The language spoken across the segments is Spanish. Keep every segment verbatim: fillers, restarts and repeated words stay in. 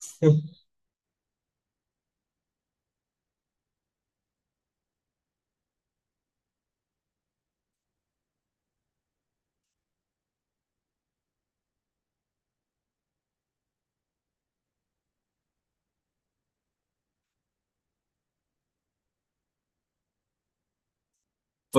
Pues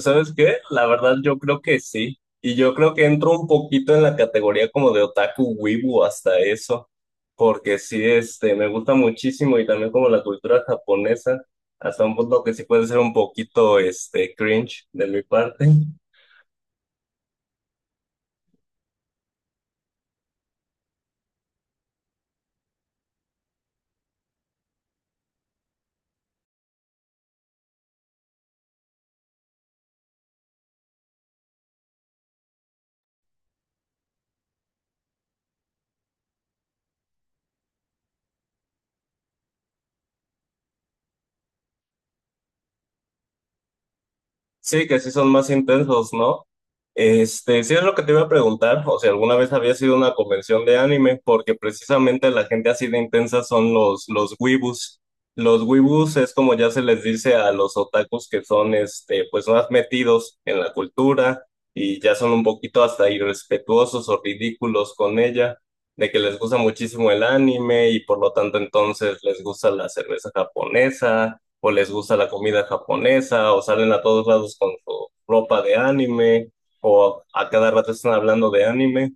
¿sabes qué? La verdad yo creo que sí. Y yo creo que entro un poquito en la categoría como de otaku wibu hasta eso, porque sí, este, me gusta muchísimo y también como la cultura japonesa, hasta un punto que sí puede ser un poquito, este, cringe de mi parte. Sí, que sí son más intensos, ¿no? Este, sí es lo que te iba a preguntar, o si alguna vez había sido una convención de anime, porque precisamente la gente así de intensa son los, los weebus. Los weebus es como ya se les dice a los otakus que son, este, pues más metidos en la cultura y ya son un poquito hasta irrespetuosos o ridículos con ella, de que les gusta muchísimo el anime y por lo tanto entonces les gusta la cerveza japonesa o les gusta la comida japonesa, o salen a todos lados con su ropa de anime, o a cada rato están hablando de anime,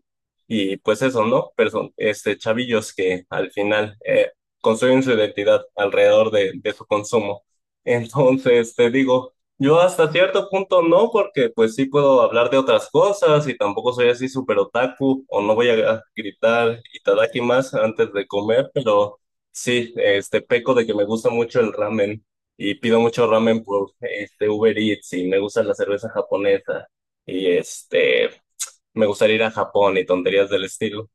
y pues eso, ¿no? Pero son este, chavillos que al final eh, construyen su identidad alrededor de, de su consumo. Entonces, te digo, yo hasta cierto punto no, porque pues sí puedo hablar de otras cosas y tampoco soy así súper otaku, o no voy a gritar itadaki más antes de comer, pero... Sí, este peco de que me gusta mucho el ramen y pido mucho ramen por este Uber Eats y me gusta la cerveza japonesa y este me gustaría ir a Japón y tonterías del estilo.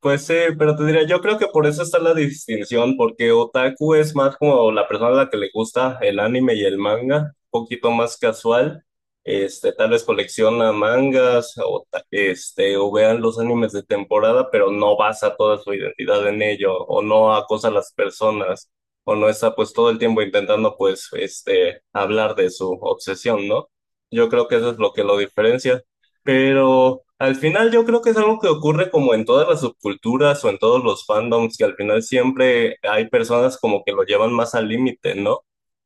Pues sí, pero te diría, yo creo que por eso está la distinción, porque otaku es más como la persona a la que le gusta el anime y el manga, un poquito más casual, este, tal vez colecciona mangas o, ta- este, o vean los animes de temporada, pero no basa toda su identidad en ello, o no acosa a las personas, o no está pues todo el tiempo intentando pues este, hablar de su obsesión, ¿no? Yo creo que eso es lo que lo diferencia. Pero al final yo creo que es algo que ocurre como en todas las subculturas o en todos los fandoms, que al final siempre hay personas como que lo llevan más al límite, ¿no?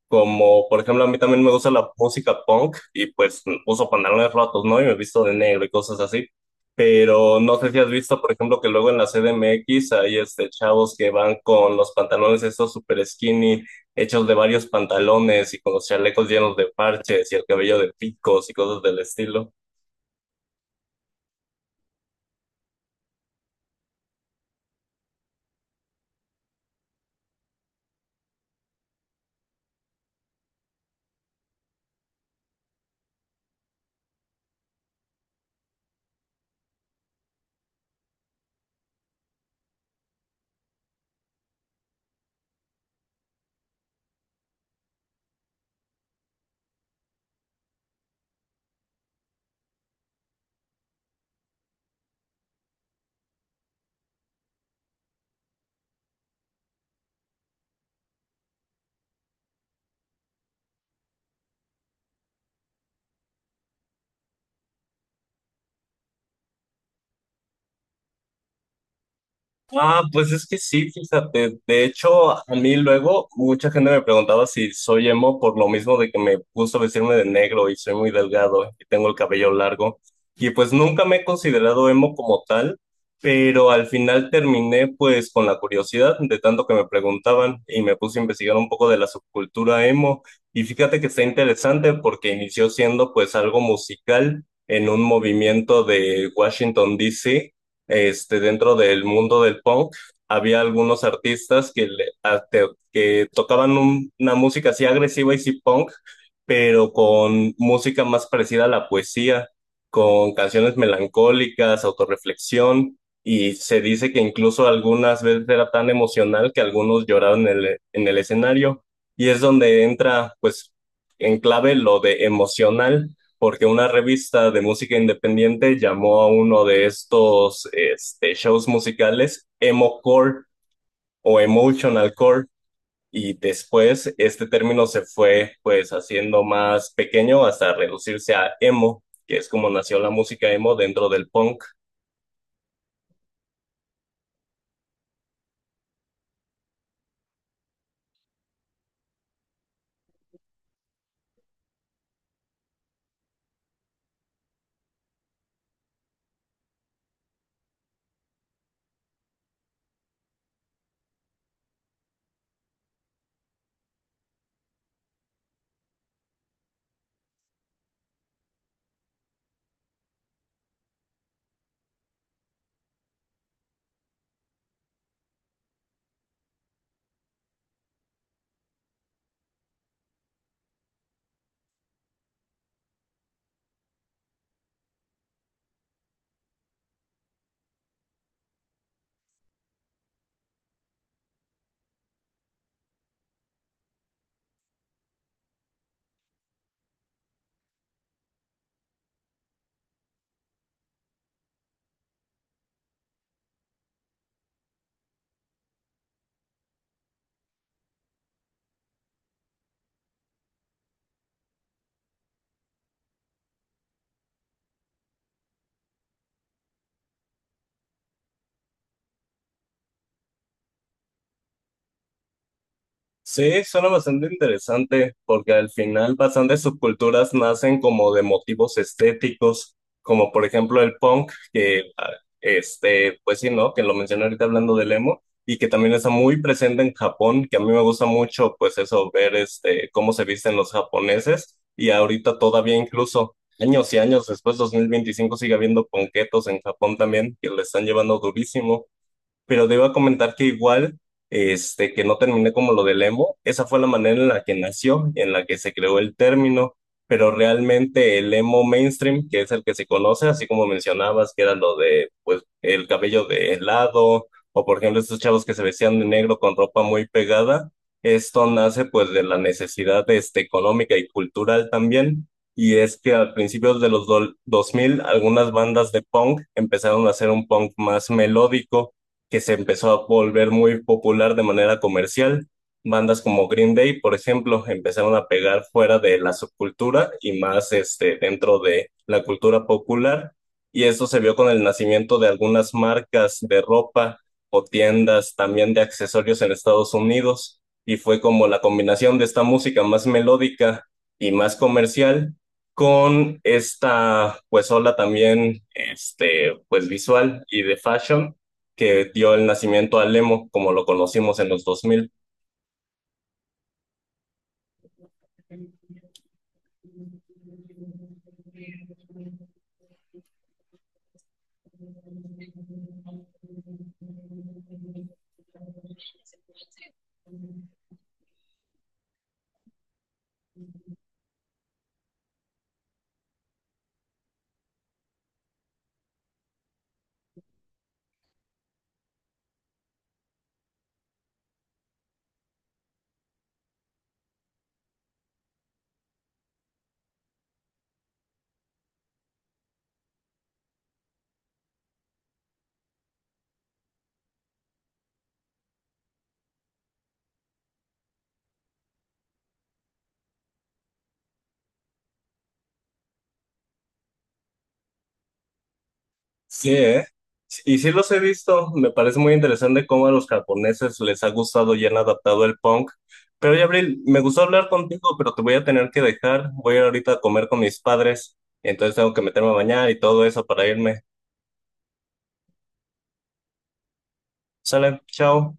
Como, por ejemplo, a mí también me gusta la música punk y pues uso pantalones rotos, ¿no? Y me visto de negro y cosas así. Pero no sé si has visto, por ejemplo, que luego en la C D M X hay este chavos que van con los pantalones estos super skinny, hechos de varios pantalones y con los chalecos llenos de parches y el cabello de picos y cosas del estilo. Ah, pues es que sí, fíjate. De hecho, a mí luego mucha gente me preguntaba si soy emo por lo mismo de que me gusta vestirme de negro y soy muy delgado y tengo el cabello largo. Y pues nunca me he considerado emo como tal, pero al final terminé pues con la curiosidad de tanto que me preguntaban y me puse a investigar un poco de la subcultura emo. Y fíjate que está interesante porque inició siendo pues algo musical en un movimiento de Washington, D. C, este, dentro del mundo del punk, había algunos artistas que, le- a- te- que tocaban un- una música así agresiva y sí punk, pero con música más parecida a la poesía, con canciones melancólicas, autorreflexión, y se dice que incluso algunas veces era tan emocional que algunos lloraban en el, en el escenario, y es donde entra, pues, en clave lo de emocional porque una revista de música independiente llamó a uno de estos este, shows musicales emo core o emotional core, y después este término se fue pues haciendo más pequeño hasta reducirse a emo, que es como nació la música emo dentro del punk. Sí, suena bastante interesante porque al final bastantes subculturas nacen como de motivos estéticos, como por ejemplo el punk, que ah, este, pues sí, ¿no? Que lo mencioné ahorita hablando del emo y que también está muy presente en Japón, que a mí me gusta mucho pues eso, ver este, cómo se visten los japoneses y ahorita todavía incluso años y años después, dos mil veinticinco, sigue habiendo punketos en Japón también que le están llevando durísimo. Pero te comentar que igual, este, que no terminé como lo del emo, esa fue la manera en la que nació, en la que se creó el término, pero realmente el emo mainstream, que es el que se conoce, así como mencionabas, que era lo de, pues, el cabello de lado, o por ejemplo estos chavos que se vestían de negro con ropa muy pegada, esto nace pues de la necesidad, este, económica y cultural también. Y es que al principio de los do- dos mil algunas bandas de punk empezaron a hacer un punk más melódico que se empezó a volver muy popular de manera comercial. Bandas como Green Day, por ejemplo, empezaron a pegar fuera de la subcultura y más este, dentro de la cultura popular. Y eso se vio con el nacimiento de algunas marcas de ropa o tiendas también de accesorios en Estados Unidos. Y fue como la combinación de esta música más melódica y más comercial con esta pues ola también este pues visual y de fashion que dio el nacimiento al emo, como lo conocimos en los dos mil. Sí, ¿eh? Y sí los he visto, me parece muy interesante cómo a los japoneses les ha gustado y han adaptado el punk. Pero ya, Abril, me gustó hablar contigo, pero te voy a tener que dejar. Voy a ir ahorita a comer con mis padres, entonces tengo que meterme a bañar y todo eso para irme. Sale, chao.